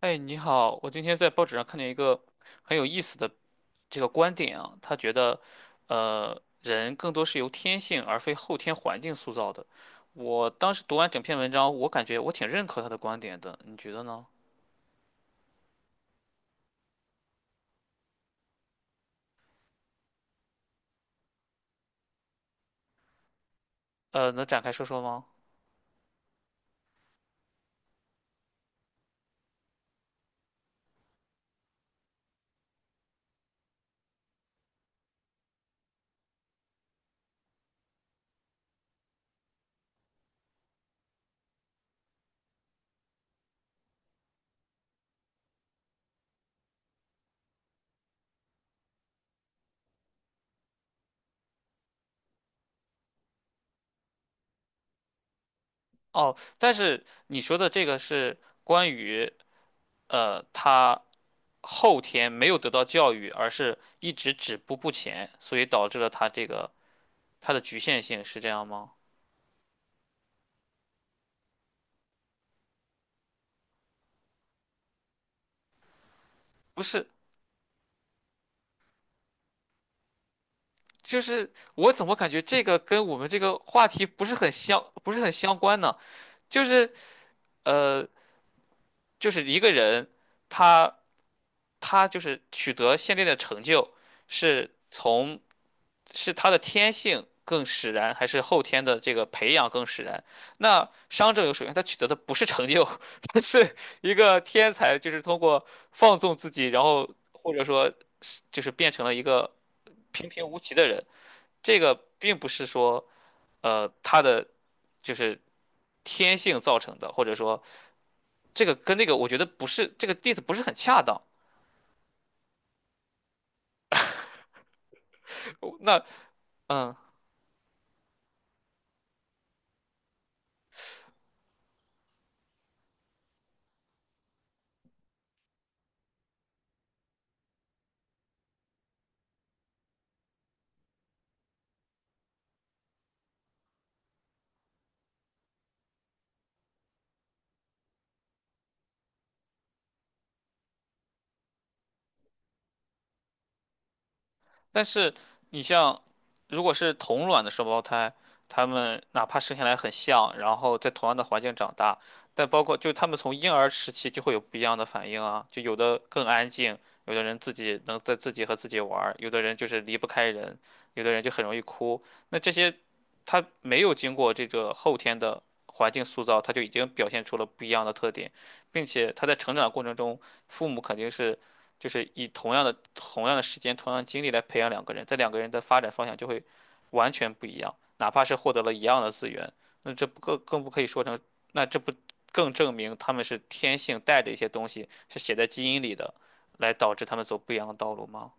哎，你好，我今天在报纸上看见一个很有意思的这个观点啊，他觉得，人更多是由天性而非后天环境塑造的。我当时读完整篇文章，我感觉我挺认可他的观点的，你觉得呢？能展开说说吗？哦，但是你说的这个是关于他后天没有得到教育，而是一直止步不前，所以导致了他这个他的局限性，是这样吗？不是，就是我怎么感觉这个跟我们这个话题不是很相，不是很相关呢？就是呃，就是一个人，他他就是取得现在的成就，是从是他的天性更使然，还是后天的这个培养更使然？那商纣有首先他取得的不是成就，他是一个天才，就是通过放纵自己，然后或者说是就是变成了一个平平无奇的人。这个并不是说。它的就是天性造成的，或者说这个跟那个，我觉得不是这个例子不是很恰当。那嗯、但是你像，如果是同卵的双胞胎，他们哪怕生下来很像，然后在同样的环境长大，但包括就他们从婴儿时期就会有不一样的反应啊，就有的更安静，有的人自己能在自己和自己玩儿，有的人就是离不开人，有的人就很容易哭。那这些他没有经过这个后天的环境塑造，他就已经表现出了不一样的特点，并且他在成长过程中，父母肯定是。就是以同样的时间、同样的精力来培养两个人，这两个人的发展方向就会完全不一样。哪怕是获得了一样的资源，那这不更更不可以说成，那这不更证明他们是天性带着一些东西，是写在基因里的，来导致他们走不一样的道路吗？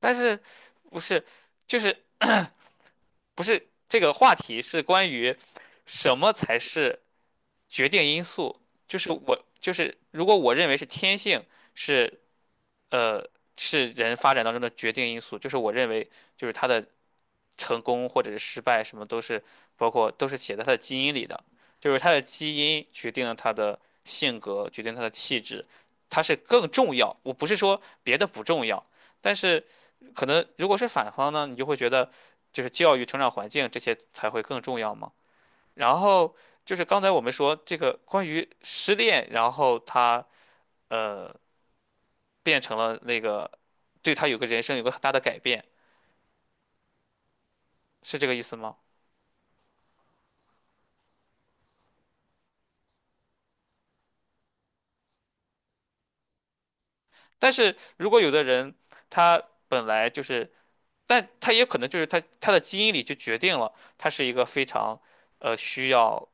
但是不是就是不是这个话题是关于什么才是决定因素？就是我就是如果我认为是天性是呃，是人发展当中的决定因素。就是我认为，就是他的成功或者是失败，什么都是包括都是写在他的基因里的，就是他的基因决定了他的性格，决定他的气质，他是更重要。我不是说别的不重要，但是可能如果是反方呢，你就会觉得就是教育、成长环境这些才会更重要嘛。然后就是刚才我们说这个关于失恋，然后他呃变成了那个对他有个人生有个很大的改变，是这个意思吗？但是如果有的人他本来就是，但他也可能就是他的基因里就决定了他是一个非常需要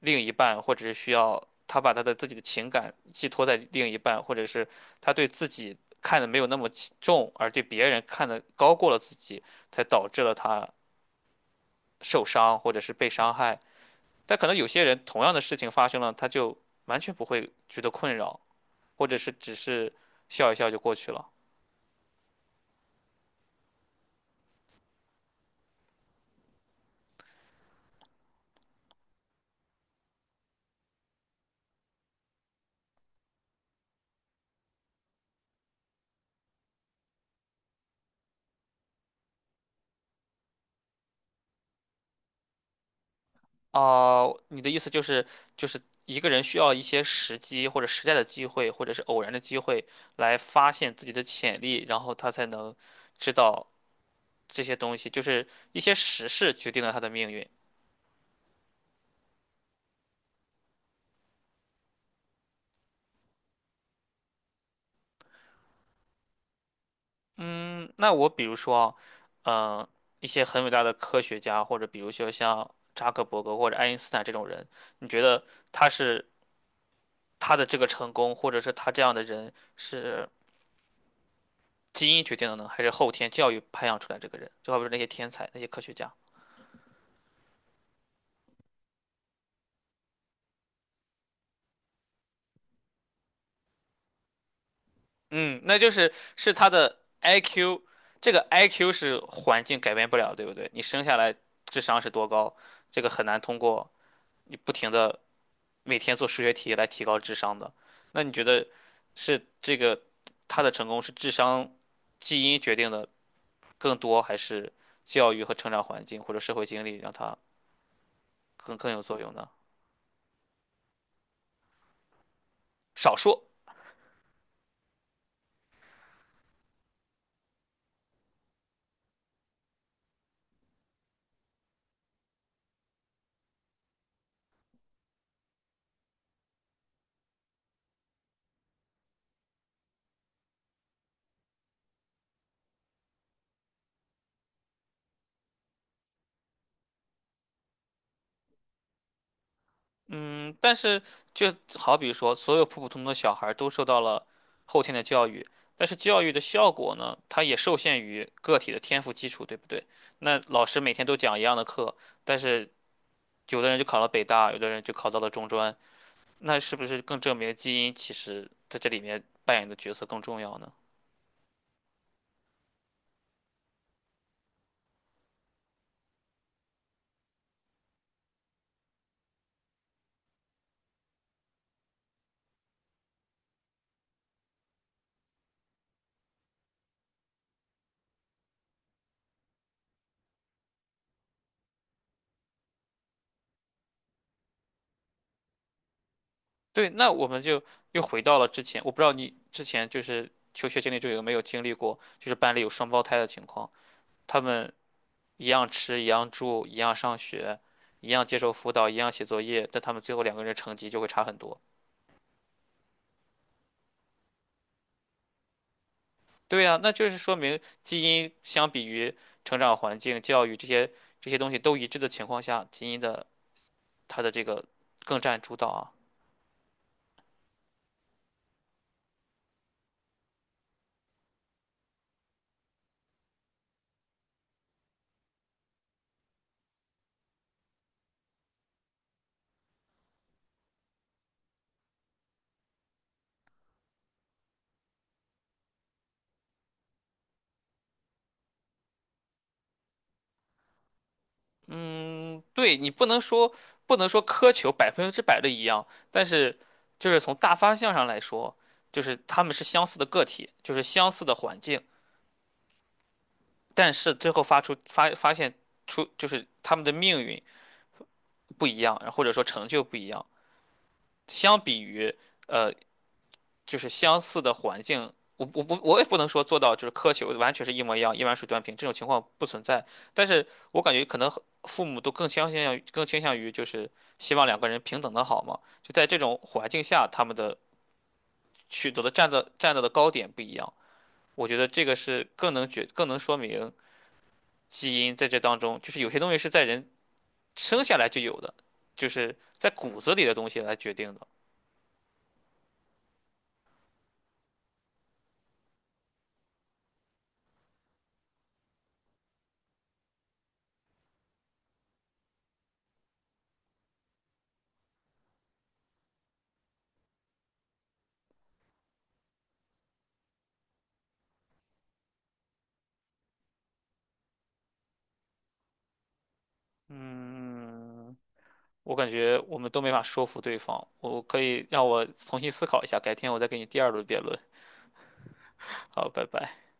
另一半，或者是需要他把他的自己的情感寄托在另一半，或者是他对自己看的没有那么起重，而对别人看的高过了自己，才导致了他受伤或者是被伤害。但可能有些人同样的事情发生了，他就完全不会觉得困扰，或者是只是笑一笑就过去了。哦，你的意思就是，就是一个人需要一些时机或者时代的机会，或者是偶然的机会来发现自己的潜力，然后他才能知道这些东西，就是一些时事决定了他的命运。嗯，那我比如说，嗯、一些很伟大的科学家，或者比如说像扎克伯格或者爱因斯坦这种人，你觉得他是？他的这个成功，或者是他这样的人是基因决定的呢，还是后天教育培养出来这个人？就好比说那些天才、那些科学家，嗯，那就是他的 IQ，这个 IQ 是环境改变不了，对不对？你生下来智商是多高，这个很难通过你不停的每天做数学题来提高智商的。那你觉得是这个他的成功是智商基因决定的更多，还是教育和成长环境或者社会经历让他更有作用呢？少数，嗯，但是就好比说，所有普普通通的小孩儿都受到了后天的教育，但是教育的效果呢，它也受限于个体的天赋基础，对不对？那老师每天都讲一样的课，但是有的人就考了北大，有的人就考到了中专，那是不是更证明基因其实在这里面扮演的角色更重要呢？对，那我们就又回到了之前，我不知道你之前就是求学经历中有没有经历过，就是班里有双胞胎的情况，他们。一样吃，一样住，一样上学，一样接受辅导，一样写作业，但他们最后两个人成绩就会差很多。对呀，那就是说明基因相比于成长环境、教育这些东西都一致的情况下，基因的它的这个更占主导啊。嗯，对，你不能说苛求百分之百的一样，但是就是从大方向上来说，就是他们是相似的个体，就是相似的环境，但是最后发现出就是他们的命运。不一样，或者说成就不一样。相比于呃，就是相似的环境，我也不能说做到就是苛求完全是一模一样，一碗水端平这种情况不存在。但是我感觉可能父母都更倾向于就是希望两个人平等的好嘛。就在这种环境下，他们的取得的站到的高点不一样。我觉得这个是更能说明基因在这当中，就是有些东西是在人生下来就有的，就是在骨子里的东西来决定的。嗯，我感觉我们都没法说服对方。我可以让我重新思考一下，改天我再给你第二轮辩论。好，拜拜。